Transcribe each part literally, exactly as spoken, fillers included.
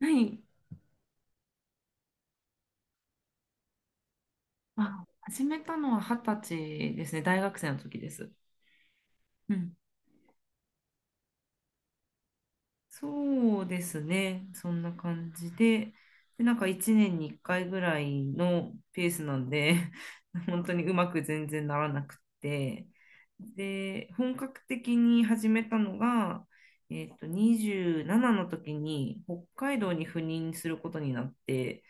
はい。あ、始めたのははたちですね。大学生の時です。うん。そうですね。そんな感じで、で、なんかいちねんにいっかいぐらいのペースなんで、本当にうまく全然ならなくて、で、本格的に始めたのが、えっと、にじゅうななの時に北海道に赴任することになって、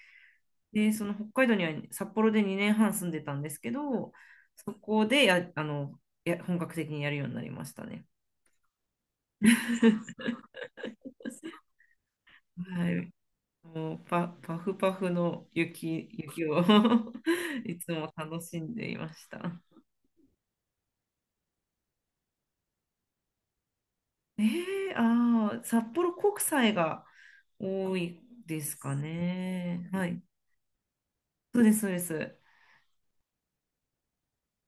で、その北海道には札幌でにねんはん住んでたんですけど、そこでや、あの、や、本格的にやるようになりましたね。はい。もうパ、パフパフの雪、雪を いつも楽しんでいました。えー、ああ、札幌国際が多いですかね。はい。そうです、そうです。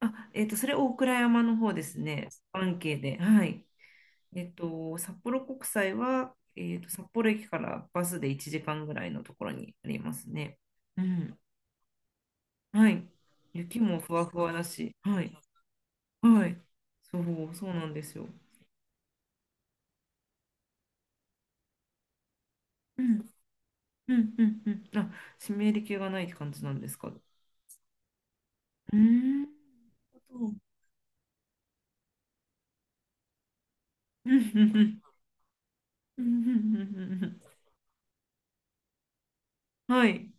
あ、えっと、それ大倉山の方ですね。関係で。はい。えっと、札幌国際は、えっと、札幌駅からバスでいちじかんぐらいのところにありますね。うん。はい。雪もふわふわだし、はい。はい。そう、そうなんですよ。うん。うん。うん。うん。あ、湿り気がないって感じなんですか。うーん。そうんうんうんうんうんうんうん。はい。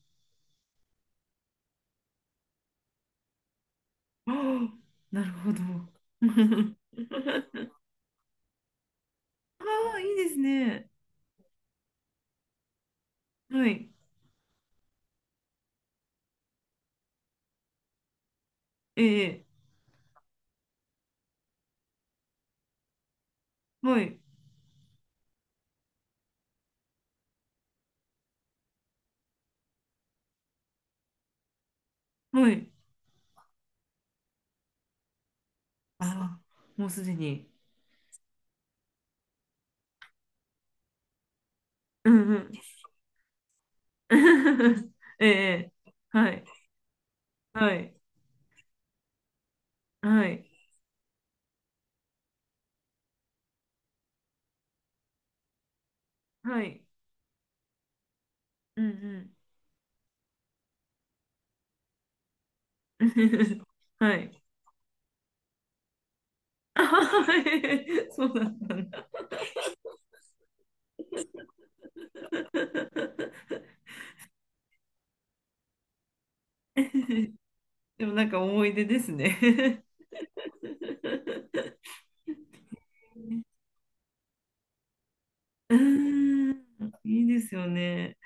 ああ、なるほど。ああ、いいですね。はい。ええ、はい。はい。ああ、もうすでに。うんうん。ええ、はい、はい、はい、はい、うんうん。はい。あははそうだったんだ。でもなんか思い出ですね。うーん、いいですよね。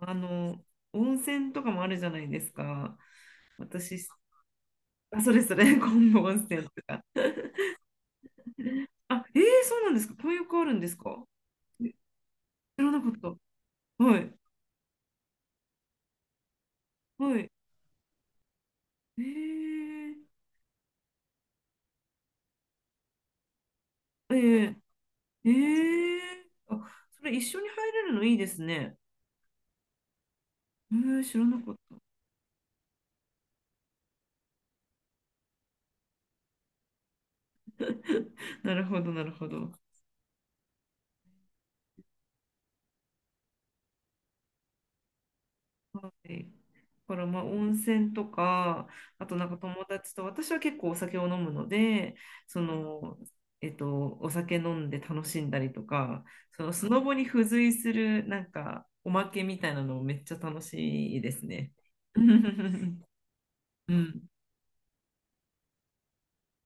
あの、温泉とかもあるじゃないですか。私、あ、それそれ、今度温泉とか。あ、えー、そうなんですか。こういう子あるんですか。知らなかった。はい。はい。えー、えー、えー、あ、それ一緒に入れるのいいですね。えー、知らなかった。なるほど、なるほど。はい。だからまあ温泉とか、あとなんか友達と、私は結構お酒を飲むので、その、えっと、お酒飲んで楽しんだりとか、そのスノボに付随するなんかおまけみたいなのめっちゃ楽しいですね。うん。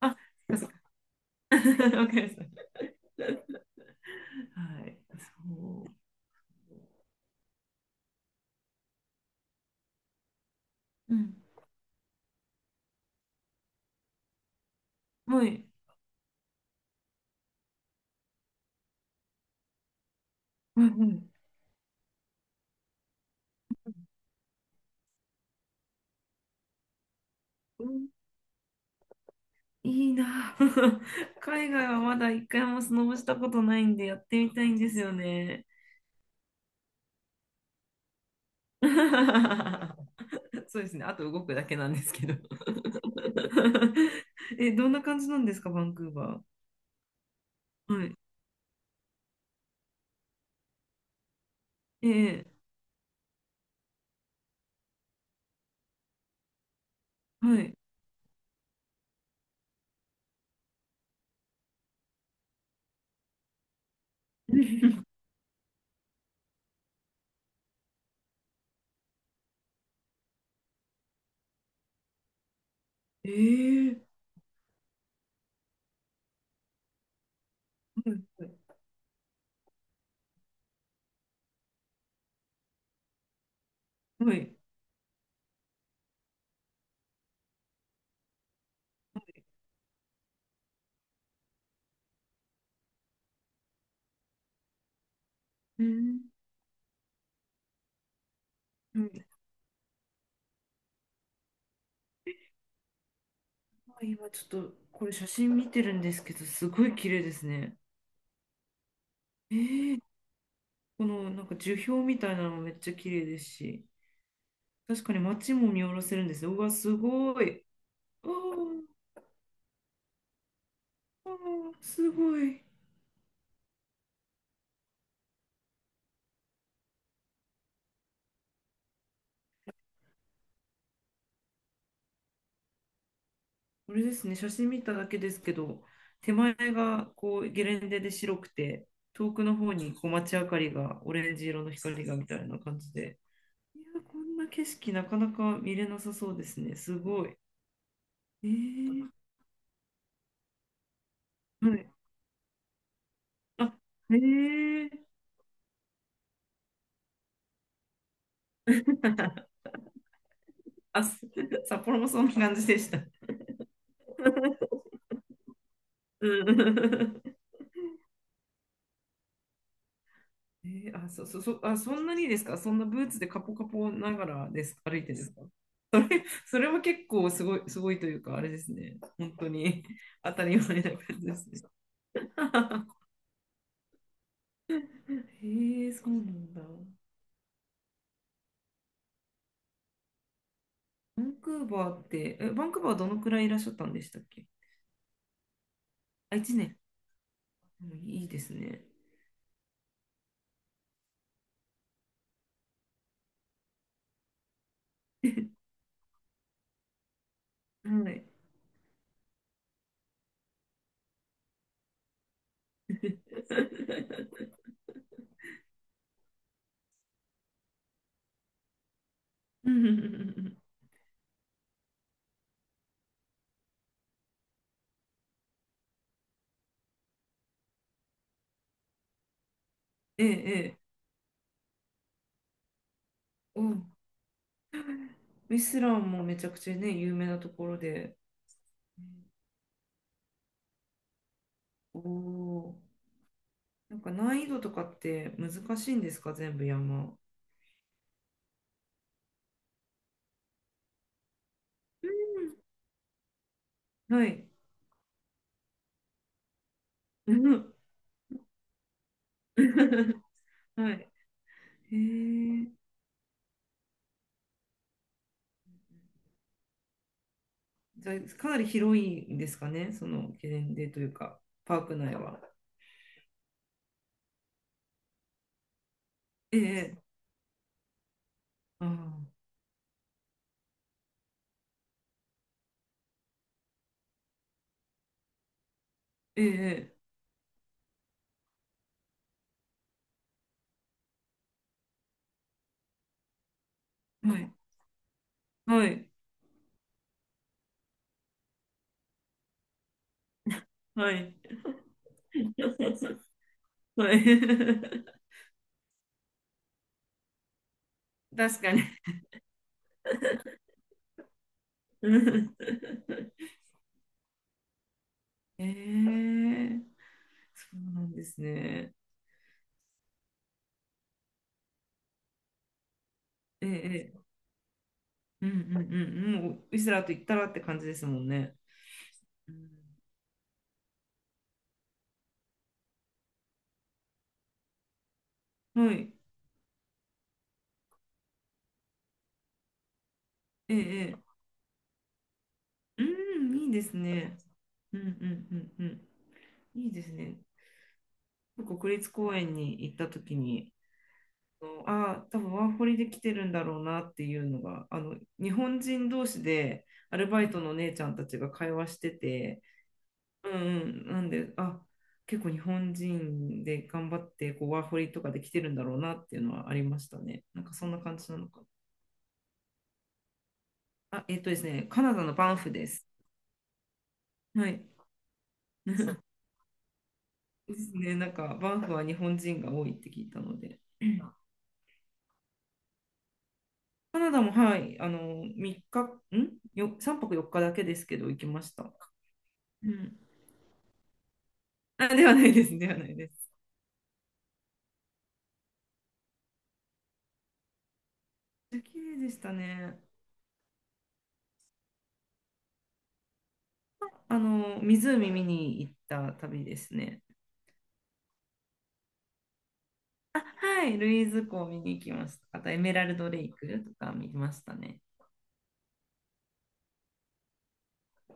あ、わかります。はい。そう。うん。はい。はい。うんうん。いいな。海外はまだいっかいもスノボしたことないんでやってみたいんですよね。そうですね。あと動くだけなんですけど。え、どんな感じなんですか、バンクーバー。はい。ええ、はい。ええ、はい。はい。はい。うん。うん。今ちょっとこれ写真見てるんですけど、すごい綺麗ですね。このなんか樹氷みたいなのもめっちゃ綺麗ですし、確かに街も見下ろせるんですよ。うわ、すごい。あーあー、すごい。これですね、写真見ただけですけど、手前がこうゲレンデで白くて、遠くの方にこう街明かりが、オレンジ色の光がみたいな感じで、いや、こんな景色なかなか見れなさそうですね。すごい。えー、はい。あ、えー、あ、す 札幌もそんな感じでした。うん。えー、あ、そ、そ、そ、あ、そんなにですか？そんなブーツでカポカポながらです、歩いてですか？それも結構すごい、すごいというか、あれですね。本当に 当たり前な感じですね。へえ、そうなんだ。バンクーバーって、え、バンクーバーはどのくらいいらっしゃったんでしたっけ？あ、いちねん。うん。いいですね。はい。うんうんうんうんうん。ええ、ええ。うん。ウィスランもめちゃくちゃね、有名なところで。おお。なんか難易度とかって難しいんですか、全部山。はい。うん。はい。へえ。じゃあ、かなり広いんですかね、そのゲレンデというか、パーク内は。ええ。ああ。ええ。はい。はい。はい。はい。確かに。ええ。そうなんですね。ええ。ええ。うんうんうん。もう、ウィスラーと言ったらって感じですもんね。うん。はい。ええ、ええ。うん、いいですね。うんうんうんうん。いいですね。国立公園に行った時に、ああー、多分ワーホリで来てるんだろうなっていうのが、あの、日本人同士でアルバイトの姉ちゃんたちが会話してて、うんうん、なんで、あ、結構日本人で頑張ってこうワーホリとかで来てるんだろうなっていうのはありましたね。なんかそんな感じなのか。あ、えっとですね、カナダのバンフです。はい。ですね、なんかバンフは日本人が多いって聞いたので、カナダもはい、あのみっか、んよ、さんぱくよっかだけですけど行きました。うん。あ、ではないです、ではないです。綺麗でしたね。あの、湖見に行った旅ですね。あ、はい、ルイーズ湖を見に行きました。あとエメラルドレイクとか見ましたね。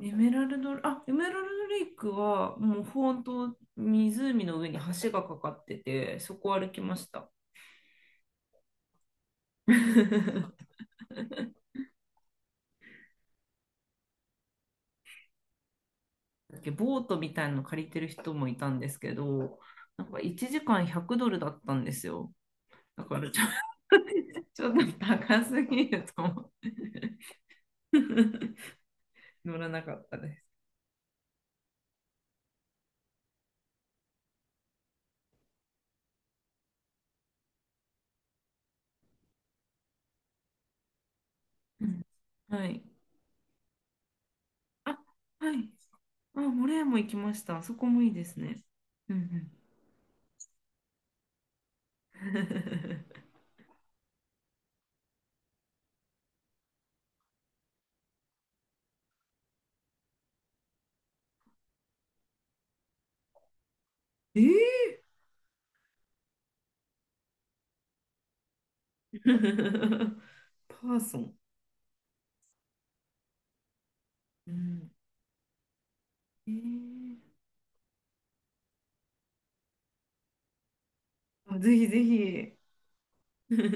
エメラルド、あ、エメラルドレイクはもう本当湖の上に橋がかかってて、そこを歩きました。だっけボートみたいなの借りてる人もいたんですけど、なんかいちじかんひゃくドルだったんですよ。だからちょっと、ちょっと高すぎると思って 乗らなかったです。うん。はい。あ、はい。あ、モレーも行きました。あそこもいいですね。うんうん、えー、パーソン。うん。えーあぜひぜひ。